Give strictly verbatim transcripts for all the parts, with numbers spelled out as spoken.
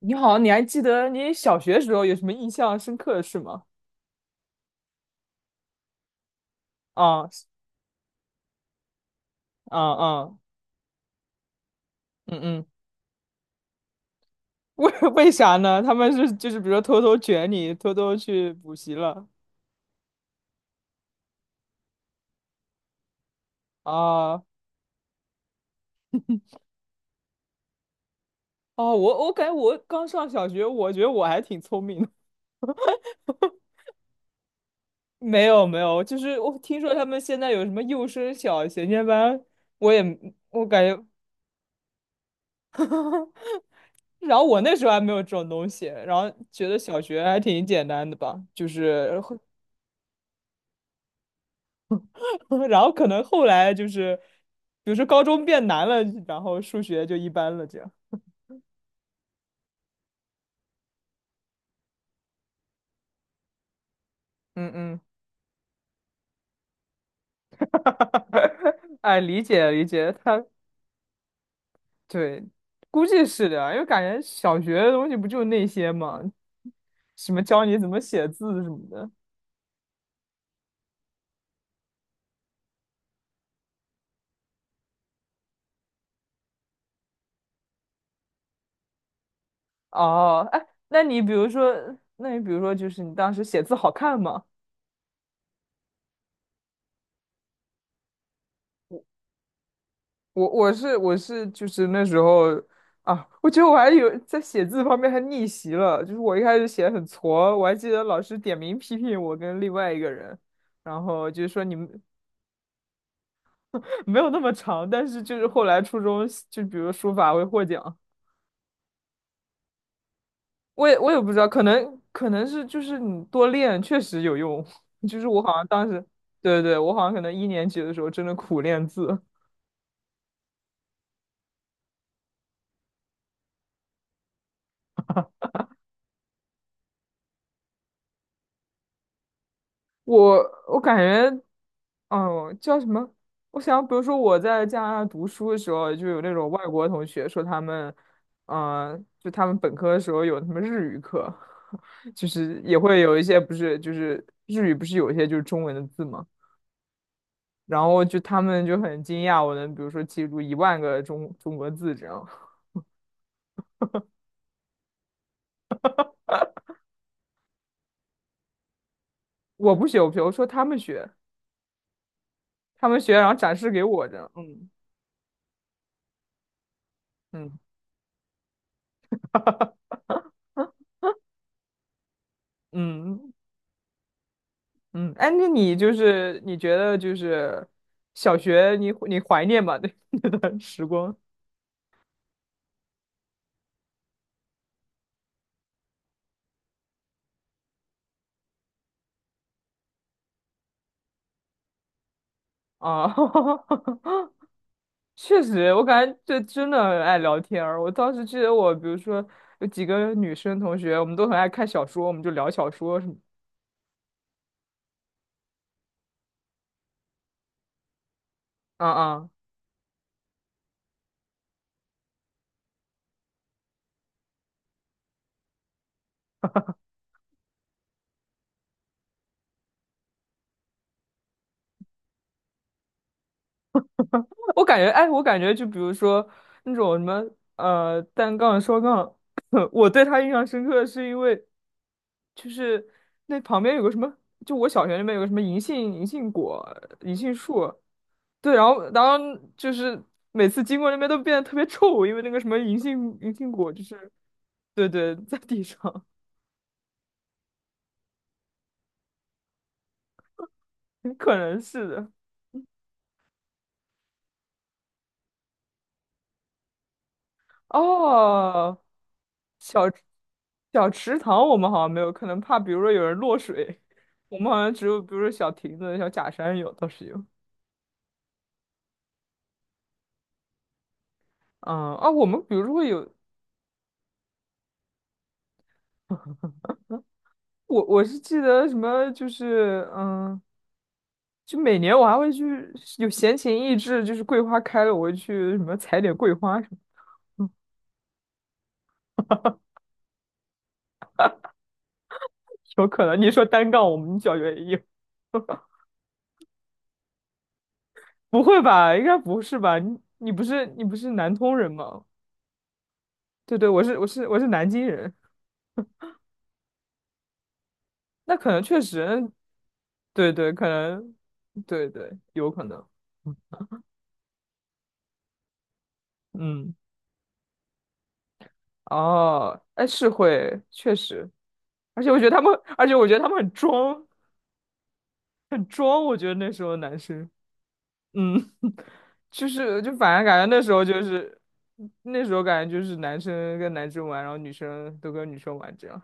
你好，你还记得你小学时候有什么印象深刻的事吗？啊，是啊啊，嗯嗯，为 为啥呢？他们是就是比如说偷偷卷你，偷偷去补习了啊哦，我我感觉我刚上小学，我觉得我还挺聪明的。没有没有，就是我听说他们现在有什么幼升小衔接班，我也我感觉，然后我那时候还没有这种东西，然后觉得小学还挺简单的吧，就是。然后可能后来就是，比如说高中变难了，然后数学就一般了，这样。嗯嗯，哎，理解理解，他对，估计是的啊，因为感觉小学的东西不就那些嘛，什么教你怎么写字什么的。哦，哎，那你比如说，那你比如说，就是你当时写字好看吗？我我是我是就是那时候啊，我觉得我还有在写字方面还逆袭了，就是我一开始写的很挫，我还记得老师点名批评我跟另外一个人，然后就是说你们 没有那么长，但是就是后来初中就比如书法会获奖，我也我也不知道，可能可能是就是你多练确实有用，就是我好像当时对对，我好像可能一年级的时候真的苦练字。我我感觉哦，叫什么？我想，比如说我在加拿大读书的时候，就有那种外国同学说他们，嗯、就他们本科的时候有什么日语课，就是也会有一些不是，就是日语不是有一些就是中文的字嘛，然后就他们就很惊讶，我能比如说记住一万个中中国字这样。我不学，我不学，我说他们学，他们学，然后展示给我这样。嗯嗯 嗯，嗯，哎，那你就是你觉得就是小学你你怀念吗？那 那段时光啊，确实，我感觉这真的很爱聊天儿。我当时记得我，比如说有几个女生同学，我们都很爱看小说，我们就聊小说什么。啊啊。我感觉，哎，我感觉就比如说那种什么呃单杠、双杠，我对他印象深刻是因为就是那旁边有个什么，就我小学那边有个什么银杏银杏果、银杏树，对，然后然后就是每次经过那边都变得特别臭，因为那个什么银杏银杏果就是，对对，在地上，可能是的。哦，小小池塘我们好像没有，可能怕比如说有人落水，我们好像只有比如说小亭子、小假山有，倒是有。嗯啊，我们比如说会有，我我是记得什么就是嗯，就每年我还会去有闲情逸致，就是桂花开了，我会去什么采点桂花什么。嗯，有可能你说单杠，我们小学也有，不会吧？应该不是吧？你你不是你不是南通人吗？对对，我是我是我是南京人。那可能确实，对对，可能，对对，有可能，嗯，嗯哦，哎，是会，确实，而且我觉得他们，而且我觉得他们很装，很装，我觉得那时候的男生，嗯，就是就反正感觉那时候就是，那时候感觉就是男生跟男生玩，然后女生都跟女生玩这样，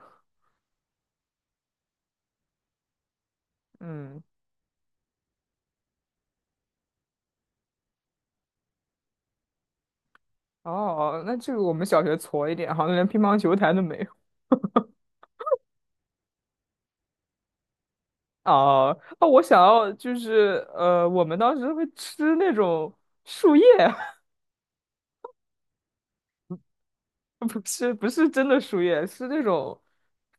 嗯，哦，那这个我们小学矬一点，好像连乒乓球台都没有。哦哦，我想要就是呃，我们当时会吃那种树叶，不是不是真的树叶，是那种，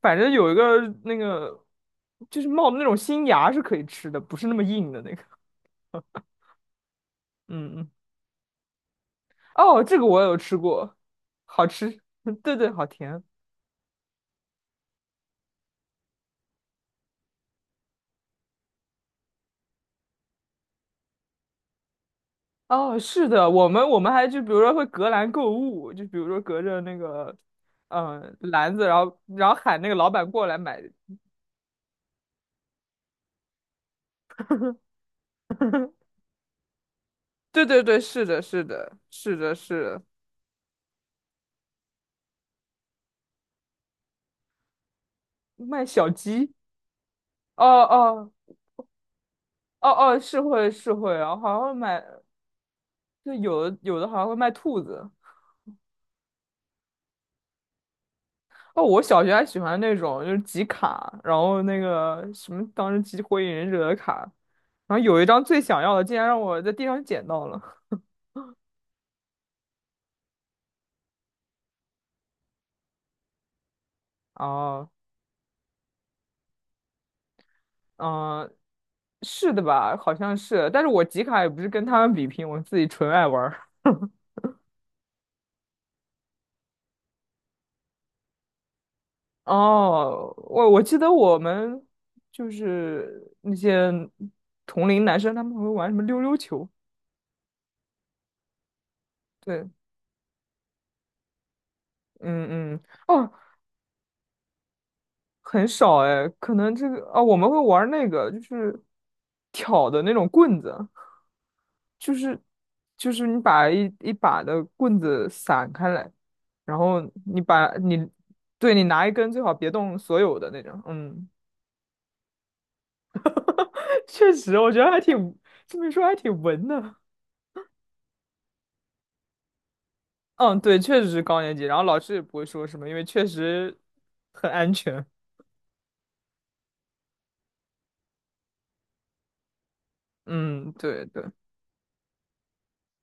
反正有一个那个，就是冒的那种新芽是可以吃的，不是那么硬的那个。嗯嗯，哦，这个我有吃过，好吃，对对，好甜。哦，是的，我们我们还就比如说会隔栏购物，就比如说隔着那个，嗯、篮子，然后然后喊那个老板过来买。对对对，是的，是的，是的，是的，卖小鸡，哦哦哦哦，是会是会，然后还会买，就有的有的好像会卖兔子。哦，我小学还喜欢那种就是集卡，然后那个什么当时集火影忍者的卡，然后有一张最想要的，竟然让我在地上捡到了。哦，嗯、是的吧？好像是，但是我集卡也不是跟他们比拼，我自己纯爱玩。哦，我我记得我们就是那些同龄男生，他们会玩什么溜溜球。对，嗯嗯，哦，很少哎，可能这个啊，我们会玩那个，就是挑的那种棍子，就是就是你把一一把的棍子散开来，然后你把你对你拿一根，最好别动所有的那种。嗯，确实，我觉得还挺这么一说还挺文的。嗯，对，确实是高年级，然后老师也不会说什么，因为确实很安全。嗯，对对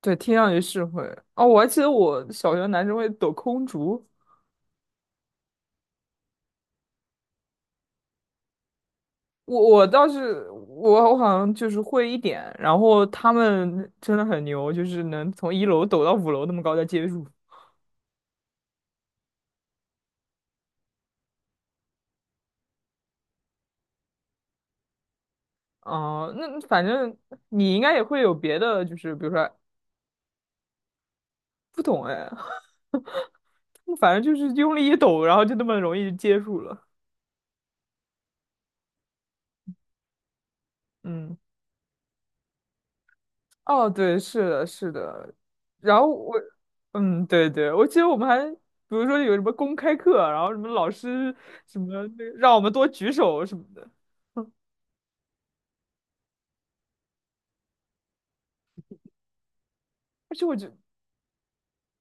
对，听上去是会。哦，我还记得我小学男生会抖空竹，我我倒是我我好像就是会一点，然后他们真的很牛，就是能从一楼抖到五楼那么高再接住。哦、那反正你应该也会有别的，就是比如说不懂哎，反正就是用力一抖，然后就那么容易接住了。嗯。哦，对，是的，是的。然后我，嗯，对对，我记得我们还，比如说有什么公开课啊，然后什么老师什么那个让我们多举手什么的。嗯，而且我觉，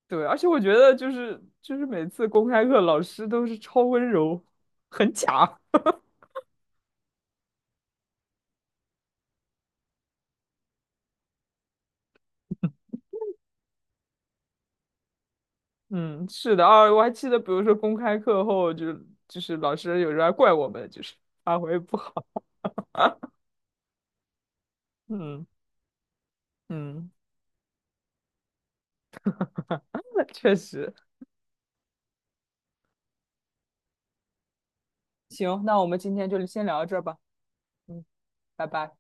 对，而且我觉得就是就是每次公开课老师都是超温柔，很假。嗯，是的，啊，我还记得，比如说公开课后就就是老师有时候还怪我们，就是发挥不好。嗯嗯，那确实。行，那我们今天就先聊到这儿吧。嗯，拜拜。